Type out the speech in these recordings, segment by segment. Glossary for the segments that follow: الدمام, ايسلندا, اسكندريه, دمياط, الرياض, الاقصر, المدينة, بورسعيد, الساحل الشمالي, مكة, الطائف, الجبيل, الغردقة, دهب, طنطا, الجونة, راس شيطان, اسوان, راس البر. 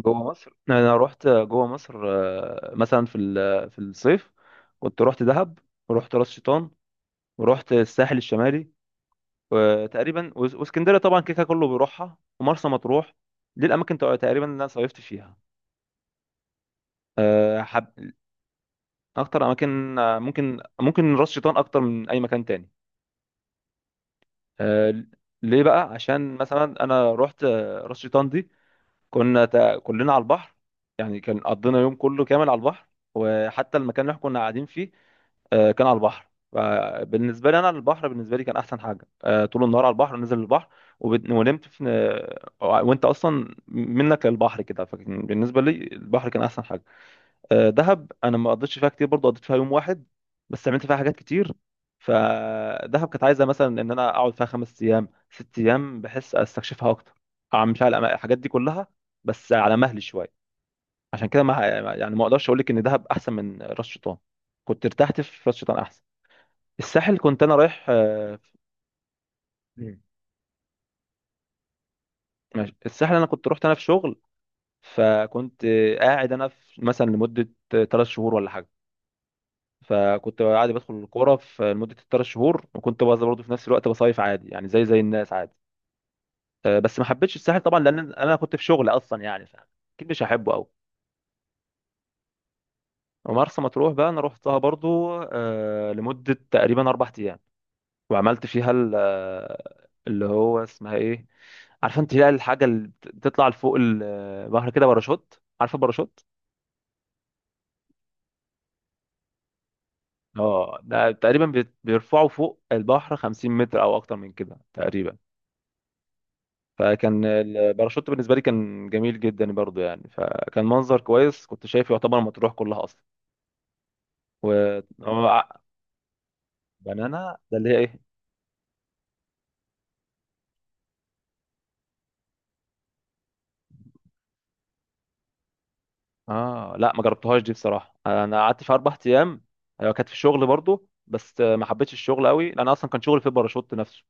جوه مصر، انا رحت جوه مصر، مثلا في ال- آه، في الصيف كنت رحت دهب، ورحت راس شيطان، ورحت الساحل الشمالي، وتقريبا واسكندريه طبعا كيكا كله بيروحها، ومرسى مطروح. دي الاماكن تقريبا اللي انا صيفت فيها. حب اكتر اماكن، ممكن راس شيطان اكتر من اي مكان تاني. آه، ليه بقى؟ عشان مثلا انا رحت راس شيطان دي، كنا كلنا على البحر، يعني كان قضينا يوم كله كامل على البحر. وحتى المكان اللي احنا كنا قاعدين فيه كان على البحر. فبالنسبة لي أنا البحر بالنسبة لي كان أحسن حاجة. طول النهار على البحر، نزل البحر، ونمت في، وأنت أصلا منك للبحر كده، فكان بالنسبة لي البحر كان أحسن حاجة. دهب انا ما قضيتش فيها كتير برضه، قضيت فيها يوم واحد بس عملت فيها حاجات كتير. فدهب كانت عايزه مثلا ان انا اقعد فيها 5 ايام 6 ايام، بحس استكشفها اكتر، اعمل فيها الحاجات دي كلها بس على مهلي شويه. عشان كده ما يعني ما اقدرش اقول لك ان دهب احسن من راس شيطان، كنت ارتحت في راس شيطان احسن. الساحل كنت انا رايح. مم. ماشي. الساحل انا كنت رحت انا في شغل، فكنت قاعد انا في مثلا لمده 3 شهور ولا حاجه، فكنت عادي بدخل الكوره في لمده ال3 شهور، وكنت بس برضه في نفس الوقت بصيف عادي، يعني زي الناس عادي. بس ما حبيتش الساحل طبعا، لان انا كنت في شغل اصلا يعني، فاكيد مش هحبه قوي. ومرسى مطروح بقى انا رحتها برضو لمده تقريبا 4 ايام. وعملت فيها اللي هو اسمها ايه؟ عارفه انت؟ لا، الحاجه اللي بتطلع لفوق البحر كده، باراشوت، عارفه باراشوت. اه ده تقريبا بيرفعوا فوق البحر 50 متر او اكتر من كده تقريبا. فكان الباراشوت بالنسبه لي كان جميل جدا برضو، يعني فكان منظر كويس، كنت شايف يعتبر مطروح كلها اصلا. و هو ع- بنانا ده اللي هي ايه؟ اه لا، ما جربتهاش دي بصراحه، انا قعدت في 4 ايام. أيوة، كانت في الشغل برضو، بس ما حبيتش الشغل قوي، لان اصلا كان شغل في الباراشوت نفسه.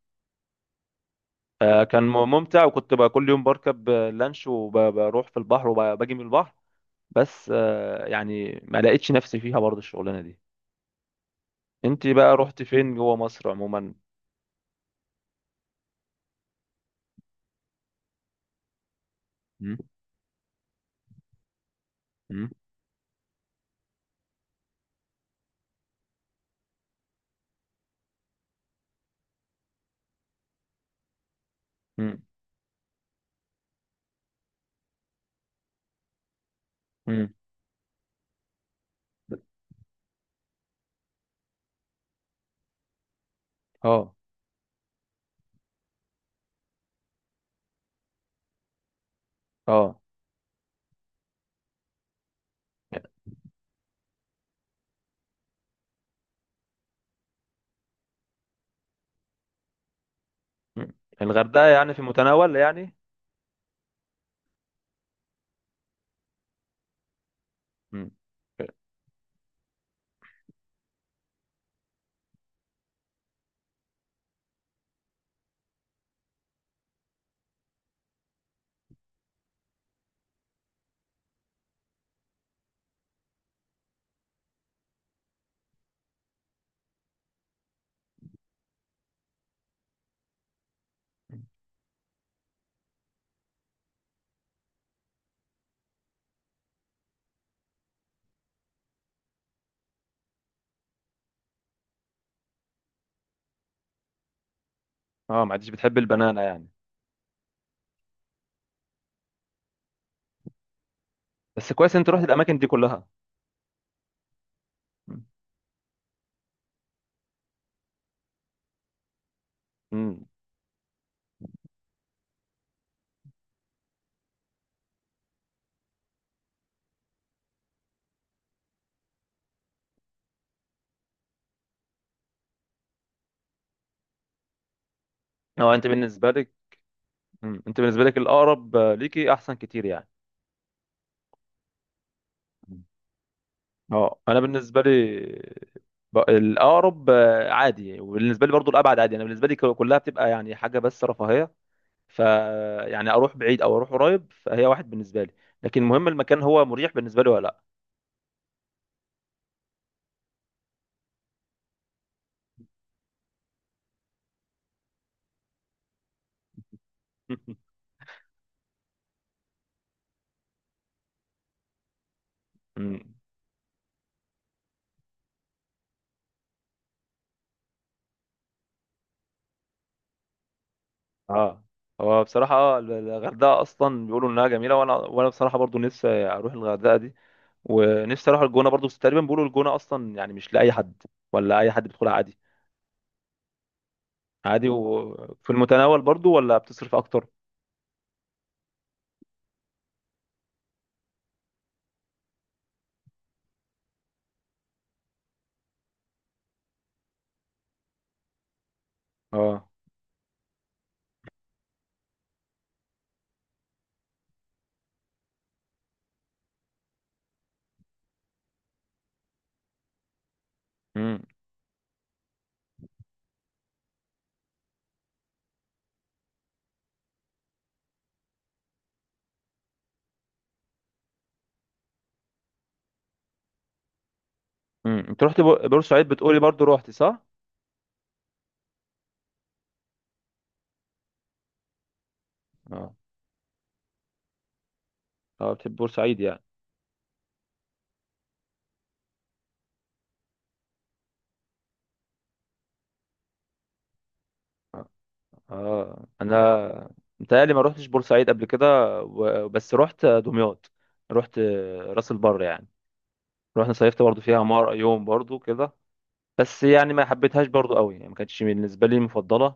فكان ممتع. وكنت بقى كل يوم بركب لانش وبروح في البحر وباجي من البحر. بس يعني ما لقيتش نفسي فيها برضو الشغلانه دي. انت بقى رحت فين جوه مصر عموما؟ مم. مم. مم. امم. اه. اه. مم. الغردقه يعني في متناول يعني. مم. اه، ما عادش بتحب البنانه يعني. بس كويس انت رحت الاماكن دي كلها. مم. مم. اه، انت بالنسبه لك. مم. انت بالنسبه لك الاقرب ليكي احسن كتير يعني. مم. اه، انا بالنسبه لي الاقرب عادي، وبالنسبه لي برضو الابعد عادي. انا بالنسبه لي كلها بتبقى يعني حاجه بس رفاهيه. ف يعني اروح بعيد او اروح قريب، فهي واحد بالنسبه لي. لكن المهم المكان هو مريح بالنسبه لي ولا لا. اه. هو بصراحة الغردقة أصلا بيقولوا إنها جميلة، وأنا بصراحة برضو نفسي أروح الغردقة دي. ونفسي أروح الجونة برضو، بس تقريبا بيقولوا الجونة أصلا يعني مش لأي حد، ولا أي حد بيدخلها عادي. عادي وفي المتناول برضو ولا بتصرف أكتر؟ اه. امم. امم، أنت رحت بورسعيد بتقولي برضو، روحتي صح؟ اه. اه، بتحب بورسعيد يعني. اه، أنا متهيألي ما روحتش بورسعيد قبل كده، بس روحت دمياط، روحت راس البر يعني، رحنا صيفت برضو فيها مرة يوم برضو كده. بس يعني ما حبيتهاش برضو قوي يعني، ما كانتش بالنسبه لي مفضله.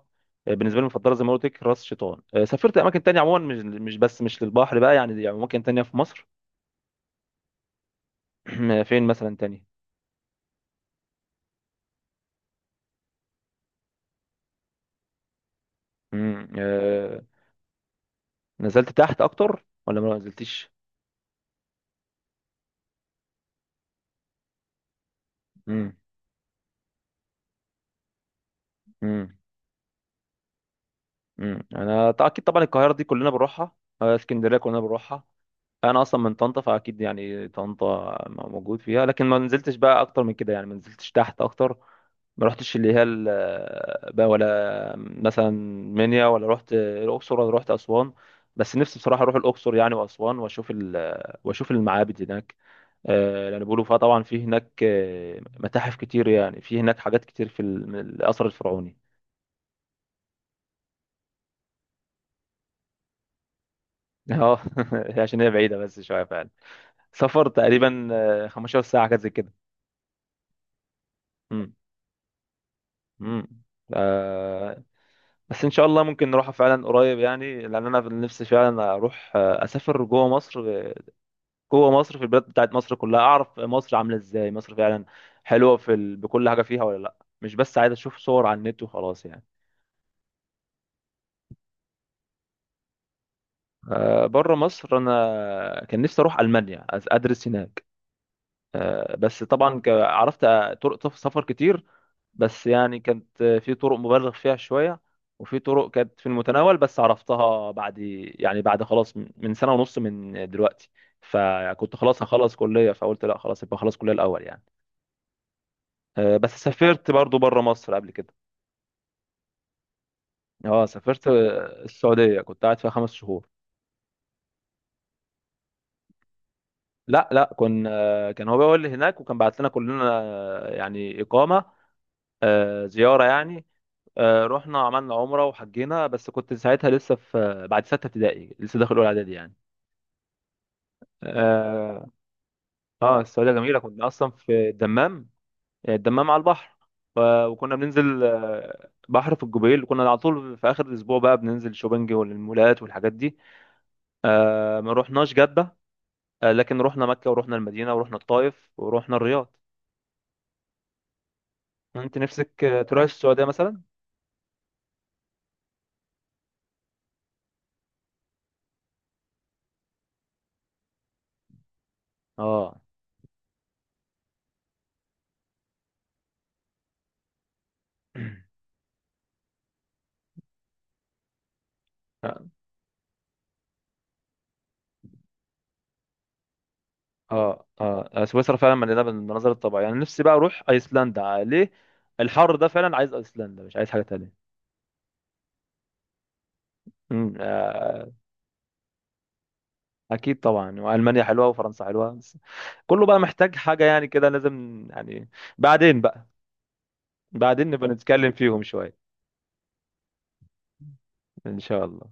بالنسبه لي المفضله زي ما قلت لك راس شيطان. سافرت اماكن تانية عموما، مش بس مش للبحر بقى يعني، يعني اماكن تانية في مصر. فين مثلا تاني؟ مم. نزلت تحت اكتر ولا ما نزلتش؟ مم. مم. امم، انا اكيد طبعا القاهره دي كلنا بنروحها. اسكندريه كلنا بنروحها. انا اصلا من طنطا، فاكيد يعني طنطا موجود فيها، لكن ما نزلتش بقى اكتر من كده يعني، ما نزلتش تحت اكتر. ما رحتش بقى، ولا مثلا منيا، ولا رحت الاقصر، ولا رحت اسوان. بس نفسي بصراحه اروح الاقصر يعني، واسوان، واشوف المعابد هناك. لان بيقولوا فيها طبعا في هناك متاحف كتير، يعني في هناك حاجات كتير في الاثر الفرعوني. اه عشان هي بعيدة بس شوية فعلا. سفر تقريبا 15 ساعة كده زي كده. امم. امم. آه. بس ان شاء الله ممكن نروحها فعلا قريب يعني، لان انا في نفسي فعلا اروح، اسافر جوه مصر. جوه مصر في البلاد بتاعت مصر كلها، اعرف مصر عاملة ازاي، مصر فعلا حلوة في ال... بكل حاجة فيها ولا لا. مش بس عايز اشوف صور على النت وخلاص يعني. آه، بره مصر انا كان نفسي اروح المانيا، ادرس هناك. بس طبعا عرفت طرق سفر كتير. بس يعني كانت في طرق مبالغ فيها شوية، وفي طرق كانت في المتناول بس عرفتها بعد يعني، بعد خلاص من سنة ونص من دلوقتي. فكنت خلاص هخلص كلية، فقلت لا خلاص، يبقى خلاص كلية الأول يعني. بس سافرت برضو بره مصر قبل كده. اه، سافرت السعودية، كنت قاعد فيها 5 شهور. لا لا، كان هو بيقول لي هناك، وكان بعت لنا كلنا يعني إقامة، زيارة يعني. رحنا عملنا عمرة وحجينا، بس كنت ساعتها لسه في، بعد ستة ابتدائي، لسه داخل أولى إعدادي يعني. اه، السعودية جميلة. كنا أصلا في الدمام، الدمام على البحر. وكنا بننزل بحر في الجبيل، كنا على طول في آخر الأسبوع بقى بننزل شوبنج والمولات والحاجات دي. ما رحناش جدة، لكن رحنا مكة، ورحنا المدينة، ورحنا الطائف، ورحنا الرياض. أنت نفسك تروح السعودية مثلا؟ اه. اه. اه، سويسرا فعلا مليانه بالمناظر الطبيعيه يعني. نفسي بقى اروح ايسلندا عليه الحر ده، فعلا عايز ايسلندا، مش عايز حاجه تانية. امم. آه. اكيد طبعا، والمانيا حلوه، وفرنسا حلوه، بس كله بقى محتاج حاجه يعني كده، لازم يعني. بعدين بقى، بعدين نبقى نتكلم فيهم شويه. ان شاء الله.